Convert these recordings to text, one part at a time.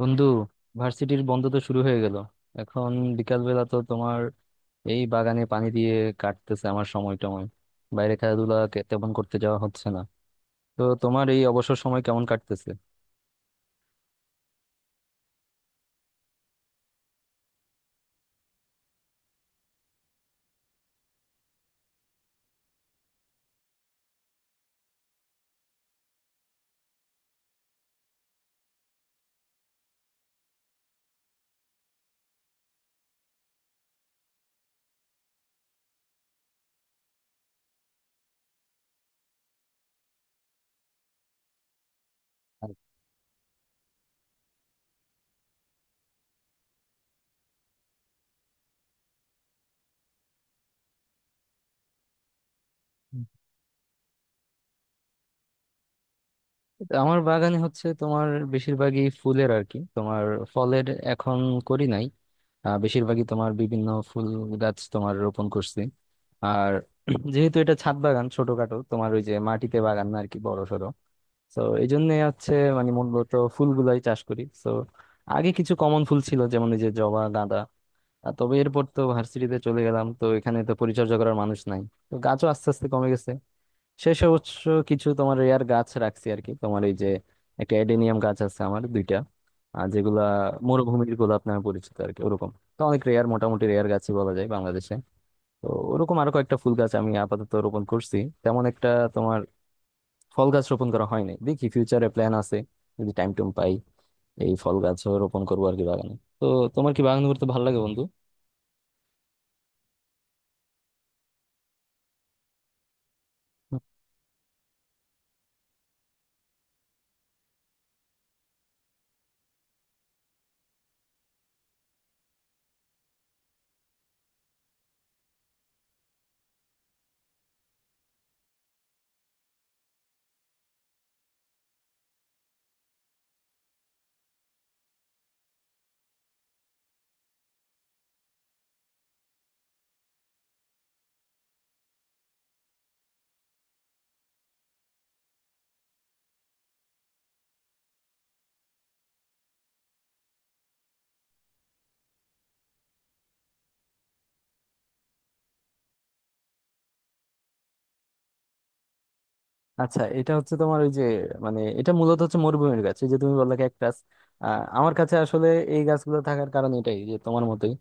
বন্ধু, ভার্সিটির বন্ধ তো শুরু হয়ে গেল। এখন বিকালবেলা তো তোমার এই বাগানে পানি দিয়ে কাটতেছে আমার সময় টময়, বাইরে খেলাধুলা তেমন করতে যাওয়া হচ্ছে না। তো তোমার এই অবসর সময় কেমন কাটতেছে? তো আমার বাগানে হচ্ছে তোমার বেশিরভাগই ফুলের আর কি, তোমার ফলের এখন করি নাই। বেশিরভাগই তোমার বিভিন্ন ফুল গাছ তোমার রোপণ করছি। আর যেহেতু এটা ছাদ বাগান ছোটখাটো, তোমার ওই যে মাটিতে বাগান না আর কি বড়। তো এই জন্য হচ্ছে মানে মূলত ফুলগুলাই চাষ করি তো। আগে কিছু কমন ফুল ছিল যেমন এই যে জবা, গাঁদা। আর তবে এরপর তো ভার্সিটিতে চলে গেলাম, তো এখানে তো পরিচর্যা করার মানুষ নাই, তো গাছও আস্তে আস্তে কমে গেছে। শেষে অবশ্য কিছু তোমার রেয়ার গাছ রাখছি আর কি, তোমার এই যে একটা এডেনিয়াম গাছ আছে আমার দুইটা, আর যেগুলা মরুভূমির গোলাপ নামে পরিচিত আর কি, ওরকম। তো অনেক রেয়ার, মোটামুটি রেয়ার গাছই বলা যায় বাংলাদেশে। তো ওরকম আরো কয়েকটা ফুল গাছ আমি আপাতত রোপণ করছি। তেমন একটা তোমার ফল গাছ রোপণ করা হয় নাই, দেখি ফিউচারে প্ল্যান আছে যদি টাইম টুম পাই এই ফল গাছও রোপণ করবো আর কি বাগানে তো। তোমার কি বাগান করতে ভালো লাগে বন্ধু? আচ্ছা, এটা হচ্ছে তোমার ওই যে মানে এটা মূলত হচ্ছে মরুভূমির গাছ, এই যে তুমি বললে ক্যাকটাস। আমার কাছে আসলে এই গাছগুলো থাকার কারণ এটাই যে তোমার মতোই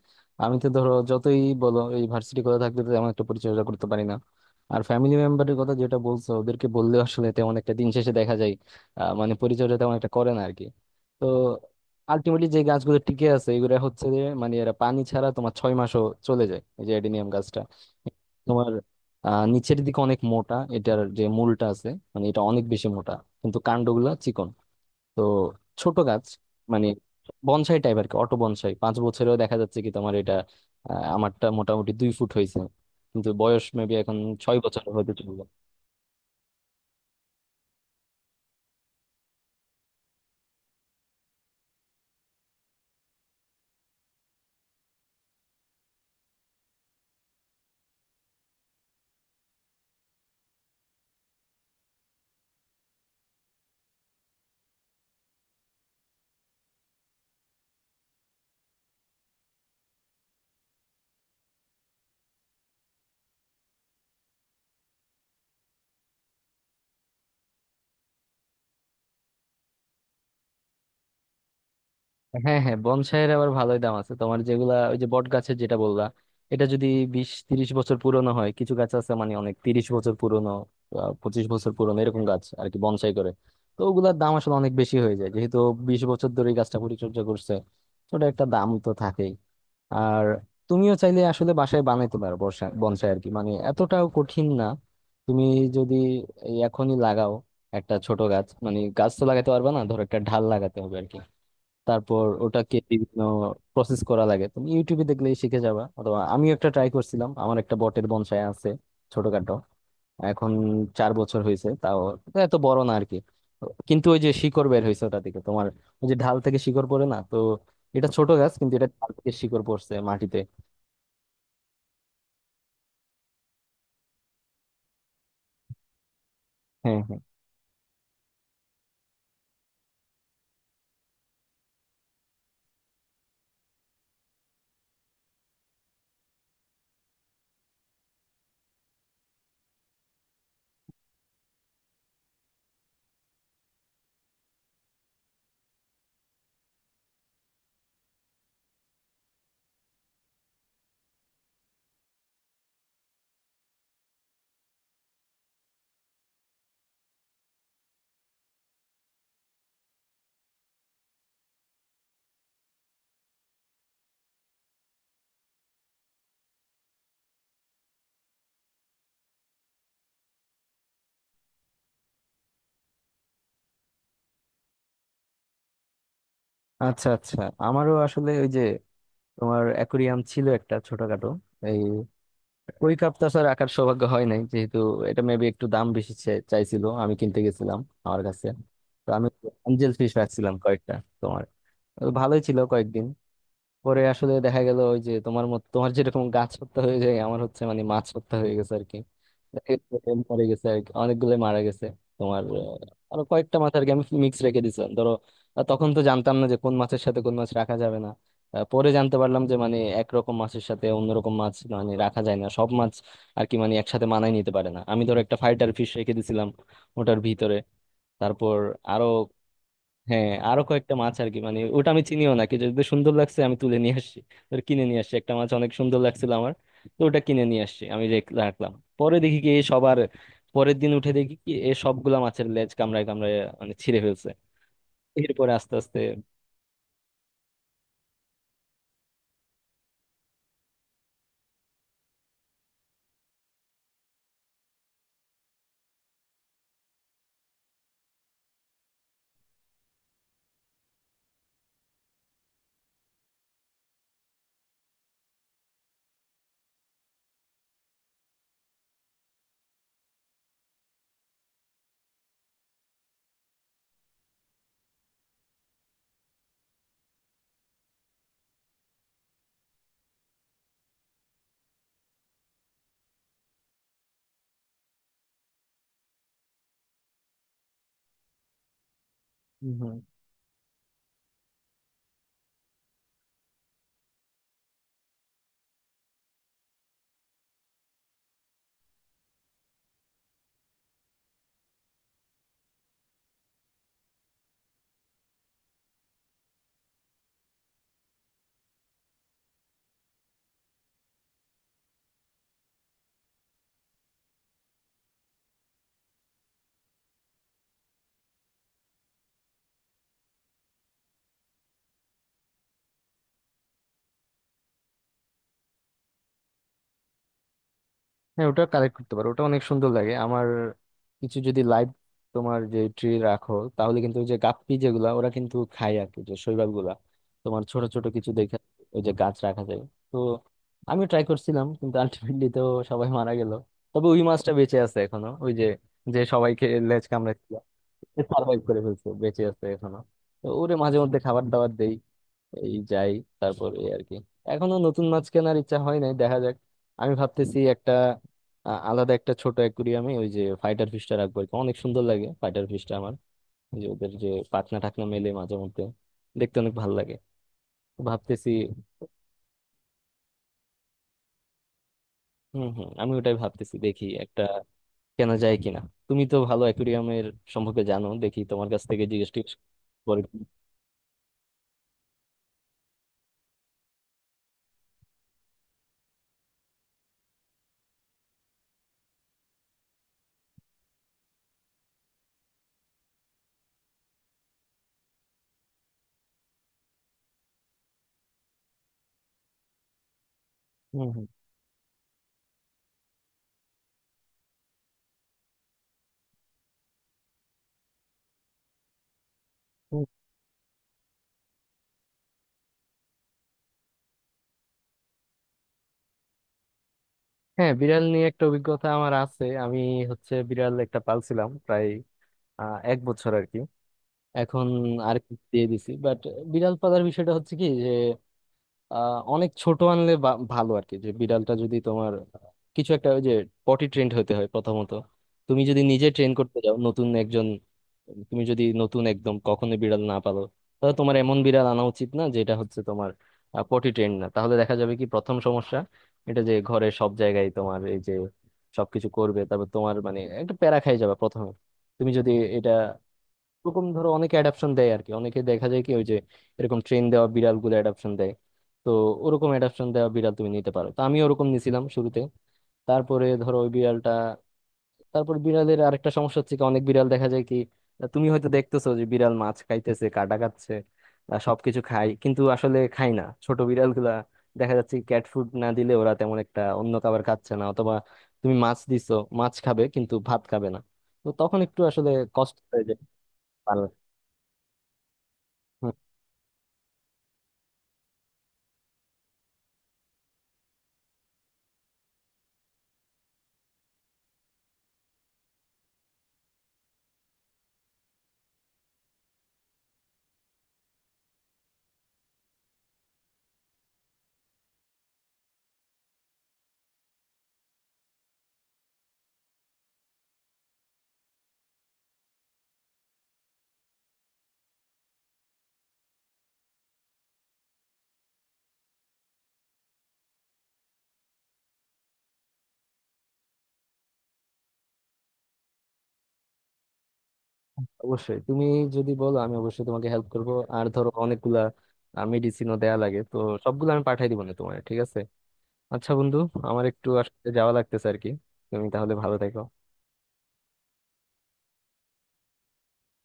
আমি তো ধরো যতই বলো এই ভার্সিটি কথা থাকলে তো তেমন একটা পরিচর্যা করতে পারি না। আর ফ্যামিলি মেম্বারের কথা যেটা বলছো, ওদেরকে বললে আসলে তেমন একটা দিন শেষে দেখা যায় মানে পরিচর্যা তেমন একটা করে না আর কি। তো আলটিমেটলি যে গাছগুলো টিকে আছে এগুলো হচ্ছে যে মানে এরা পানি ছাড়া তোমার 6 মাসও চলে যায়, এই যে অ্যাডিনিয়াম গাছটা। তোমার নিচের দিকে অনেক মোটা এটার যে মূলটা আছে, মানে এটা অনেক বেশি মোটা, কিন্তু কাণ্ডগুলা চিকন। তো ছোট গাছ, মানে বনসাই টাইপ আর কি, অটো বনসাই 5 বছরেও দেখা যাচ্ছে কি তোমার এটা। আমারটা মোটামুটি 2 ফুট হয়েছে, কিন্তু বয়স মেবি এখন 6 বছর হতে চলবে। হ্যাঁ হ্যাঁ, বনসাইয়ের আবার ভালোই দাম আছে, তোমার যেগুলা ওই যে বট গাছের যেটা বললা, এটা যদি 20-30 বছর পুরনো হয়, কিছু গাছ আছে মানে অনেক 30 বছর পুরনো, 25 বছর পুরনো এরকম গাছ আর কি বনসাই করে, তো ওগুলার দাম আসলে অনেক বেশি হয়ে যায়, যেহেতু 20 বছর ধরে এই গাছটা পরিচর্যা করছে, তো ওটা একটা দাম তো থাকেই। আর তুমিও চাইলে আসলে বাসায় বানাইতে পারো বর্ষা বনসাই আর কি, মানে এতটাও কঠিন না। তুমি যদি এই এখনই লাগাও একটা ছোট গাছ, মানে গাছ তো লাগাতে পারবে না, ধরো একটা ঢাল লাগাতে হবে আর কি, তারপর ওটাকে বিভিন্ন প্রসেস করা লাগে। তুমি ইউটিউবে দেখলে শিখে যাবা, অথবা আমিও একটা ট্রাই করছিলাম, আমার একটা বটের বনসাই আছে ছোটখাটো এখন 4 বছর হয়েছে, তাও এটা এত বড় না আর কি। তো কিন্তু ওই যে শিকড় বের হয়েছে ওটা থেকে, তোমার ওই যে ঢাল থেকে শিকড় পড়ে না তো, এটা ছোট গাছ কিন্তু এটা ঢাল থেকে শিকড় পড়ছে মাটিতে। হ্যাঁ হ্যাঁ। আচ্ছা আচ্ছা, আমারও আসলে ওই যে তোমার অ্যাকুরিয়াম ছিল একটা ছোটখাটো এই ওই কাপ তো আসলে রাখার সৌভাগ্য হয় নাই যেহেতু এটা মেবি একটু দাম বেশি চাইছিল। আমি কিনতে গেছিলাম আমার কাছে, তো আমি অ্যাঞ্জেল ফিশ রাখছিলাম কয়েকটা। তোমার ভালোই ছিল কয়েকদিন, পরে আসলে দেখা গেল ওই যে তোমার মত, তোমার যেরকম গাছ হত্যা হয়ে যায়, আমার হচ্ছে মানে মাছ হত্যা হয়ে গেছে আর কি। দেখা গেছে এরকম মরে গেছে আর কি, অনেকগুলো মারা গেছে। তোমার আরো কয়েকটা মাছ আর কি আমি মিক্স রেখে দিয়েছিলাম ধরো। তখন তো জানতাম না যে কোন মাছের সাথে কোন মাছ রাখা যাবে না। পরে জানতে পারলাম যে মানে একরকম মাছের সাথে অন্যরকম মাছ মানে রাখা যায় না সব মাছ আর কি, মানে একসাথে মানায় নিতে পারে না। আমি ধরো একটা ফাইটার ফিশ রেখে দিয়েছিলাম ওটার ভিতরে, তারপর আরো, হ্যাঁ আরো কয়েকটা মাছ আর কি। মানে ওটা আমি চিনিও না, কি যদি সুন্দর লাগছে আমি তুলে নিয়ে আসছি, ধর কিনে নিয়ে আসছি একটা মাছ অনেক সুন্দর লাগছিল আমার। তো ওটা কিনে নিয়ে আসছি আমি রাখলাম। পরে দেখি কি এ সবার, পরের দিন উঠে দেখি কি এ সবগুলা মাছের লেজ কামড়ায় কামড়ায়, মানে ছিঁড়ে ফেলছে। এরপরে আস্তে আস্তে, হ্যাঁ, ওটা কালেক্ট করতে পারো, ওটা অনেক সুন্দর লাগে আমার। কিছু যদি লাইভ তোমার যে ট্রি রাখো তাহলে কিন্তু ওই যে গাপ্পি যেগুলা ওরা কিন্তু খায় আর কি, যে শৈবাল গুলা তোমার ছোট ছোট কিছু দেখে ওই যে গাছ রাখা যায়। তো আমি ট্রাই করছিলাম কিন্তু আলটিমেটলি তো সবাই মারা গেল। তবে ওই মাছটা বেঁচে আছে এখনো, ওই যে যে সবাইকে লেজ কামড়াচ্ছিল, সার্ভাইভ করে ফেলছে, বেঁচে আছে এখনো। তো ওরে মাঝে মধ্যে খাবার দাবার দেই এই যাই, তারপর এই আর কি, এখনো নতুন মাছ কেনার ইচ্ছা হয় নাই দেখা যাক। আমি ভাবতেছি একটা আলাদা একটা ছোট অ্যাকুরিয়ামে ওই যে ফাইটার ফিশটা রাখবো আর কি। অনেক সুন্দর লাগে ফাইটার ফিশটা আমার, ওই যে ওদের যে পাখনা টাখনা মেলে মাঝে মধ্যে, দেখতে অনেক ভালো লাগে। তো ভাবতেছি, হম হম, আমি ওটাই ভাবতেছি, দেখি একটা কেনা যায় কিনা। তুমি তো ভালো অ্যাকুরিয়ামের সম্পর্কে জানো, দেখি তোমার কাছ থেকে জিজ্ঞেস টিজ্ঞেস করে। হুম, হুম, হুম। হ্যাঁ, বিড়াল নিয়ে একটা অভিজ্ঞতা আমার আছে। আমি হচ্ছে বিড়াল একটা পালছিলাম প্রায় 1 বছর আর কি। এখন আর কি দিয়ে দিছি। বাট বিড়াল পালার বিষয়টা হচ্ছে কি যে অনেক ছোট আনলে ভালো আর কি, যে বিড়ালটা যদি তোমার কিছু একটা ওই যে পটি ট্রেন্ড হতে হয় প্রথমত। তুমি যদি নিজে ট্রেন করতে যাও নতুন একজন, তুমি যদি নতুন একদম কখনো বিড়াল না পালো, তাহলে তোমার এমন বিড়াল আনা উচিত না যেটা হচ্ছে তোমার পটি ট্রেন্ড না। তাহলে দেখা যাবে কি প্রথম সমস্যা এটা যে ঘরে সব জায়গায় তোমার এই যে সবকিছু করবে, তারপর তোমার মানে একটা প্যারা খাই যাবে প্রথমে তুমি যদি এটা। ওরকম ধরো অনেকে অ্যাডাপশন দেয় আর কি, অনেকে দেখা যায় কি ওই যে এরকম ট্রেন দেওয়া বিড়াল গুলো অ্যাডাপশন দেয়। তো ওরকম অ্যাডাপশন দেওয়া বিড়াল তুমি নিতে পারো, তো আমি ওরকম নিছিলাম শুরুতে। তারপরে ধরো ওই বিড়ালটা, তারপর বিড়ালের আরেকটা সমস্যা হচ্ছে কি অনেক বিড়াল দেখা যায় কি তুমি হয়তো দেখতেছো যে বিড়াল মাছ খাইতেছে, কাটা খাচ্ছে, সবকিছু খায়, কিন্তু আসলে খায় না ছোট বিড়ালগুলা। দেখা যাচ্ছে ক্যাট ফুড না দিলে ওরা তেমন একটা অন্য খাবার খাচ্ছে না, অথবা তুমি মাছ দিছো, মাছ খাবে কিন্তু ভাত খাবে না। তো তখন একটু আসলে কষ্ট হয়ে যায় পালা। অবশ্যই তুমি যদি বলো আমি অবশ্যই তোমাকে হেল্প করব। আর ধরো অনেকগুলা মেডিসিনও দেয়া লাগে তো, সবগুলো আমি পাঠাই দিব না তোমার, ঠিক আছে? আচ্ছা বন্ধু, আমার একটু আসলে যাওয়া লাগতেছে আর কি, তুমি তাহলে ভালো থেকো।